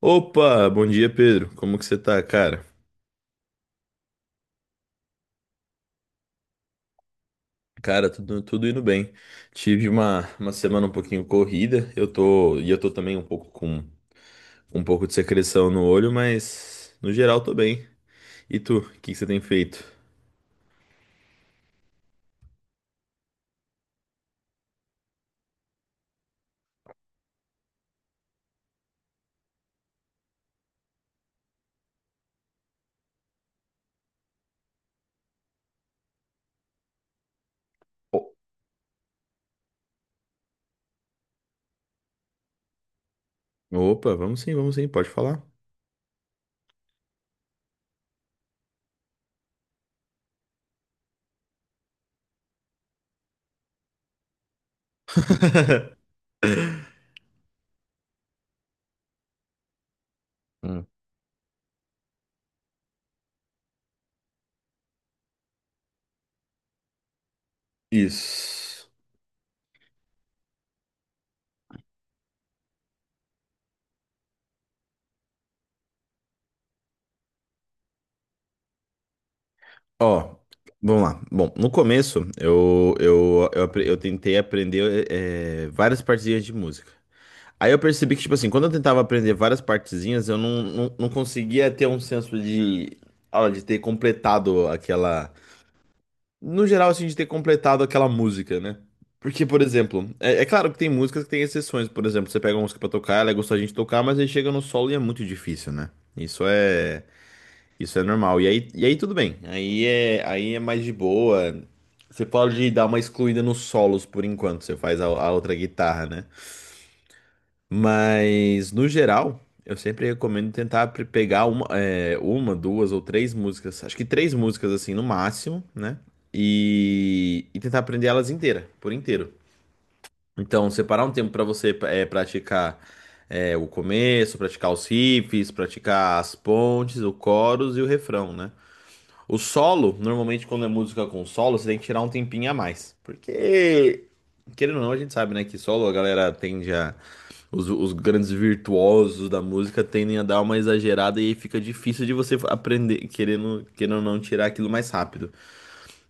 Opa, bom dia, Pedro. Como que você tá, cara? Cara, tudo indo bem. Tive uma semana um pouquinho corrida. E eu tô também um pouco com um pouco de secreção no olho, mas no geral tô bem. E tu, o que que você tem feito? O- Opa, vamos sim, pode falar. Hum. Isso. Ó, vamos lá. Bom, no começo eu tentei aprender várias partezinhas de música. Aí eu percebi que, tipo assim, quando eu tentava aprender várias partezinhas, eu não conseguia ter um senso de ter completado aquela. No geral, assim, de ter completado aquela música, né? Porque, por exemplo, é claro que tem músicas que tem exceções. Por exemplo, você pega uma música pra tocar, ela é gostosa de tocar, mas aí chega no solo e é muito difícil, né? Isso é. Isso é normal. E aí tudo bem. Aí é mais de boa. Você pode dar uma excluída nos solos por enquanto, você faz a outra guitarra, né? Mas, no geral, eu sempre recomendo tentar pegar uma, duas ou três músicas, acho que três músicas assim no máximo, né? E tentar aprender elas inteira, por inteiro. Então, separar um tempo para você praticar o começo, praticar os riffs, praticar as pontes, o chorus e o refrão, né? O solo, normalmente quando é música com solo, você tem que tirar um tempinho a mais. Porque, querendo ou não, a gente sabe, né, que solo a galera tende a. Os grandes virtuosos da música tendem a dar uma exagerada e aí fica difícil de você aprender, querendo ou não, tirar aquilo mais rápido.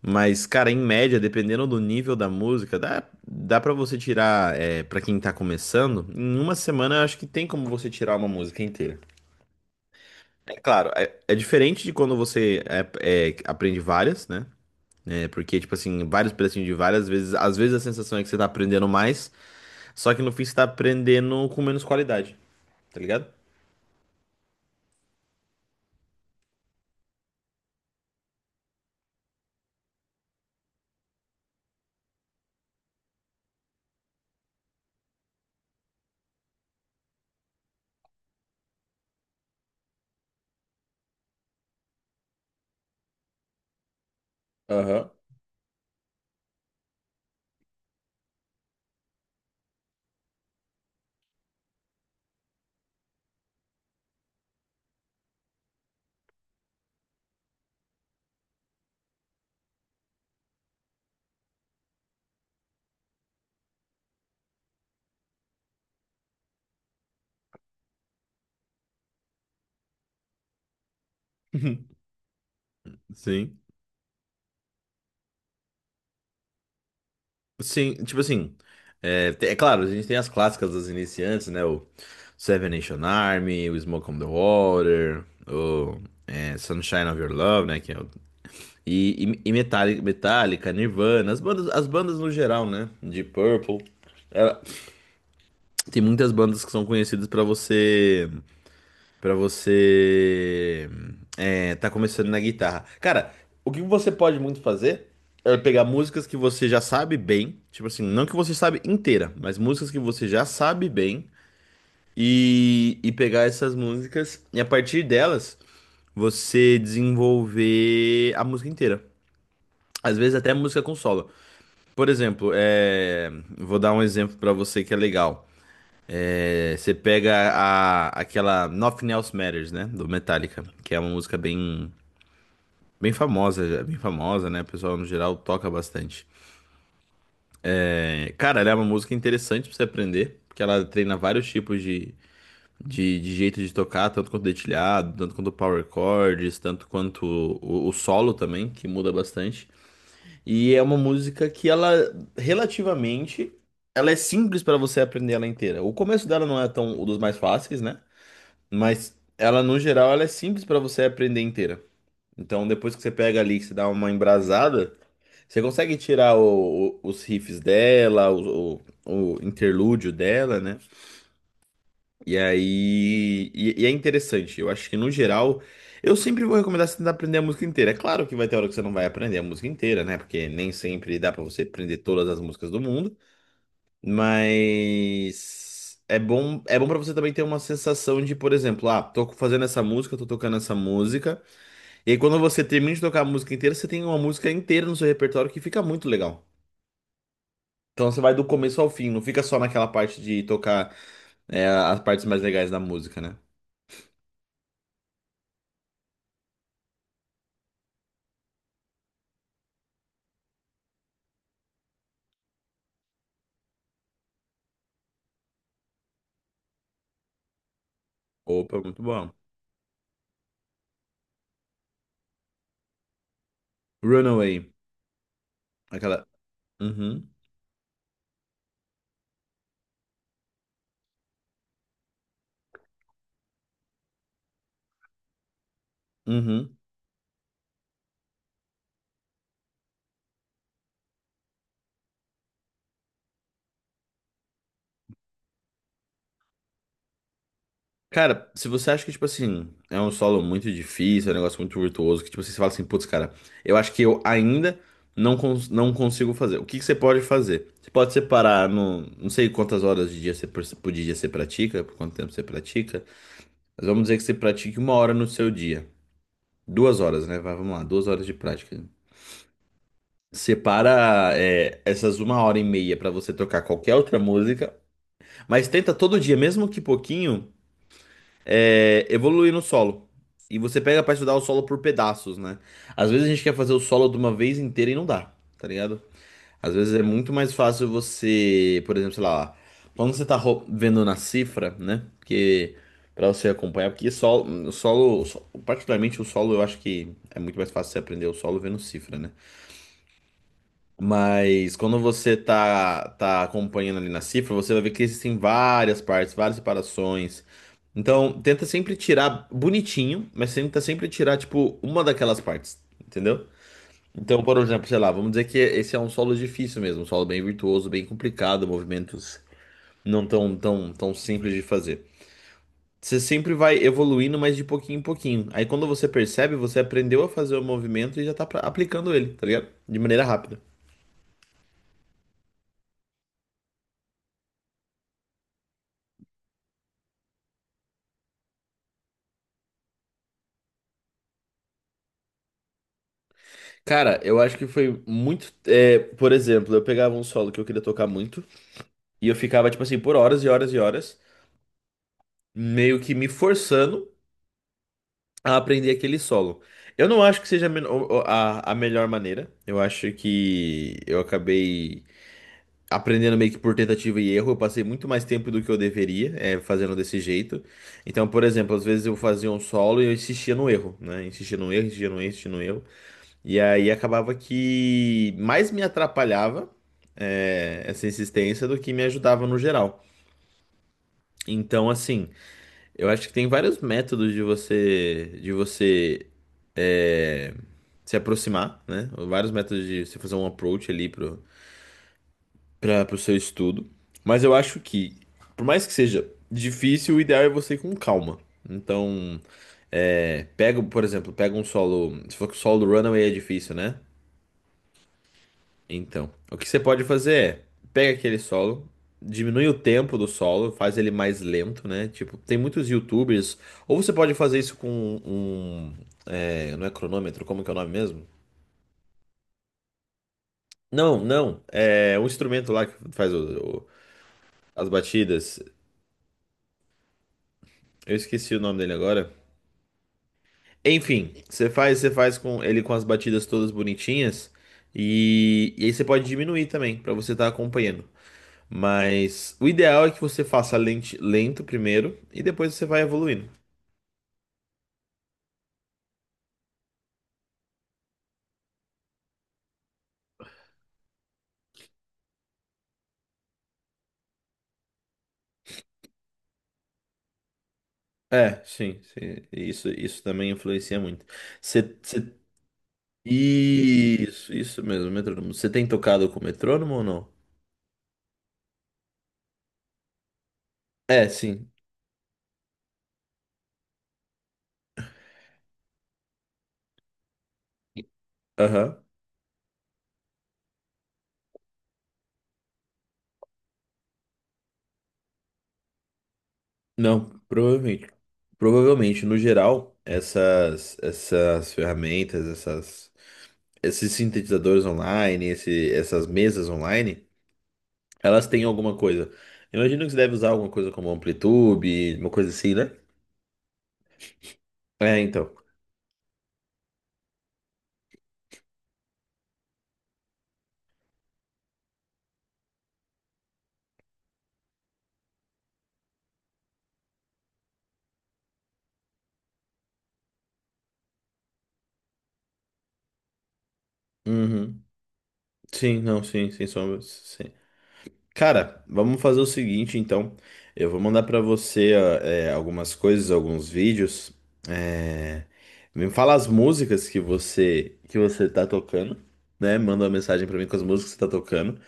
Mas, cara, em média, dependendo do nível da música, dá para você tirar, para quem tá começando, em uma semana eu acho que tem como você tirar uma música inteira. É claro, é diferente de quando você aprende várias, né? É, porque, tipo assim, vários pedacinhos de várias vezes. Às vezes a sensação é que você tá aprendendo mais, só que no fim você tá aprendendo com menos qualidade, tá ligado? Aham. Sim. Sim, tipo assim. É, é claro, a gente tem as clássicas dos iniciantes, né? O Seven Nation Army, o Smoke on the Water, o Sunshine of Your Love, né? Que é e Metallica, Metallica, Nirvana, as bandas no geral, né? De Purple. Ela- Tem muitas bandas que são conhecidas pra você. Pra você tá começando na guitarra. Cara, o que você pode muito fazer é pegar músicas que você já sabe bem, tipo assim, não que você sabe inteira, mas músicas que você já sabe bem e pegar essas músicas e a partir delas você desenvolver a música inteira. Às vezes até música com solo. Por exemplo, vou dar um exemplo pra você que é legal. É, você pega a, aquela Nothing Else Matters, né, do Metallica, que é uma música bem bem famosa, bem famosa, né? O pessoal no geral toca bastante. É, cara, ela é uma música interessante pra você aprender, porque ela treina vários tipos de jeito de tocar, tanto quanto dedilhado, tanto quanto power chords, tanto quanto o solo também, que muda bastante. E é uma música que ela relativamente ela é simples pra você aprender ela inteira. O começo dela não é tão um dos mais fáceis, né? Mas ela no geral ela é simples pra você aprender inteira. Então depois que você pega ali, que você dá uma embrasada, você consegue tirar os riffs dela, o interlúdio dela, né? E aí. E é interessante. Eu acho que no geral. Eu sempre vou recomendar você tentar aprender a música inteira. É claro que vai ter hora que você não vai aprender a música inteira, né? Porque nem sempre dá pra você aprender todas as músicas do mundo. Mas. É bom para você também ter uma sensação de, por exemplo, ah, tô fazendo essa música, tô tocando essa música. E aí quando você termina de tocar a música inteira, você tem uma música inteira no seu repertório que fica muito legal. Então você vai do começo ao fim, não fica só naquela parte de tocar as partes mais legais da música, né? Opa, muito bom. Runaway. Aquela. Uhum, uhum. Cara, se você acha que, tipo assim, é um solo muito difícil, é um negócio muito virtuoso, que, tipo assim, você fala assim, putz, cara, eu acho que eu ainda não consigo fazer. O que que você pode fazer? Você pode separar, não sei quantas horas de dia você, por dia você pratica, por quanto tempo você pratica, mas vamos dizer que você pratique uma hora no seu dia. 2 horas, né? Vai, vamos lá, 2 horas de prática. Separa, essas uma hora e meia pra você tocar qualquer outra música, mas tenta todo dia, mesmo que pouquinho, evoluir no solo. E você pega pra estudar o solo por pedaços, né? Às vezes a gente quer fazer o solo de uma vez inteira e não dá, tá ligado? Às vezes é muito mais fácil você, por exemplo, sei lá, quando você tá vendo na cifra, né? Porque pra você acompanhar, porque particularmente o solo, eu acho que é muito mais fácil você aprender o solo vendo cifra, né? Mas quando você tá acompanhando ali na cifra, você vai ver que existem várias partes, várias separações. Então, tenta sempre tirar bonitinho, mas tenta sempre tirar, tipo, uma daquelas partes, entendeu? Então, por exemplo, sei lá, vamos dizer que esse é um solo difícil mesmo, um solo bem virtuoso, bem complicado, movimentos não tão, tão, tão simples de fazer. Você sempre vai evoluindo, mas de pouquinho em pouquinho. Aí, quando você percebe, você aprendeu a fazer o movimento e já tá aplicando ele, tá ligado? De maneira rápida. Cara, eu acho que foi muito. É, por exemplo, eu pegava um solo que eu queria tocar muito e eu ficava, tipo assim, por horas e horas e horas, meio que me forçando a aprender aquele solo. Eu não acho que seja a, men- o- a melhor maneira. Eu acho que eu acabei aprendendo meio que por tentativa e erro. Eu passei muito mais tempo do que eu deveria, fazendo desse jeito. Então, por exemplo, às vezes eu fazia um solo e eu insistia no erro, né? Insistia no erro, insistia no erro, insistia no erro. E aí acabava que mais me atrapalhava essa insistência do que me ajudava no geral. Então, assim, eu acho que tem vários métodos de você é, se aproximar, né? Vários métodos de você fazer um approach ali pro seu estudo. Mas eu acho que, por mais que seja difícil, o ideal é você ir com calma. Então, pega, por exemplo, pega um solo. Se for que o solo do Runaway é difícil, né? Então, o que você pode fazer é pega aquele solo, diminui o tempo do solo, faz ele mais lento, né? Tipo, tem muitos YouTubers. Ou você pode fazer isso com um, não é cronômetro, como que é o nome mesmo? Não, não. É um instrumento lá que faz as batidas. Eu esqueci o nome dele agora. Enfim, você faz com ele com as batidas todas bonitinhas e aí você pode diminuir também pra você estar acompanhando. Mas o ideal é que você faça lento primeiro e depois você vai evoluindo. É, sim, sim. Isso também influencia muito. Você, você- Isso, isso mesmo, metrônomo. Você tem tocado com metrônomo ou não? É, sim. Aham. Não, provavelmente. Provavelmente, no geral, essas, ferramentas, esses sintetizadores online, essas mesas online. Elas têm alguma coisa. Imagino que você deve usar alguma coisa como amplitude, uma coisa assim, né? É, então. Uhum. Sim, não, sim, sem sombra, sim. Cara, vamos fazer o seguinte, então. Eu vou mandar pra você ó, algumas coisas, alguns vídeos. É, me fala as músicas que você tá tocando, né? Manda uma mensagem pra mim com as músicas que você tá tocando.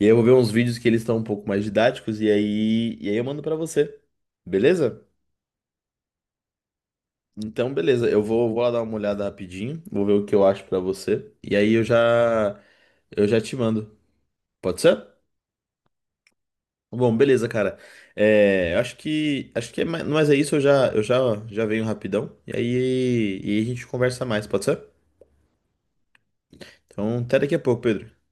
E aí eu vou ver uns vídeos que eles estão um pouco mais didáticos e aí eu mando pra você. Beleza? Então, beleza, eu vou lá dar uma olhada rapidinho, vou ver o que eu acho pra você. E aí eu já te mando. Pode ser? Bom, beleza, cara. É, eu acho que é mais, mas é isso, eu já venho rapidão. E aí a gente conversa mais, pode ser? Então, até daqui a pouco, Pedro.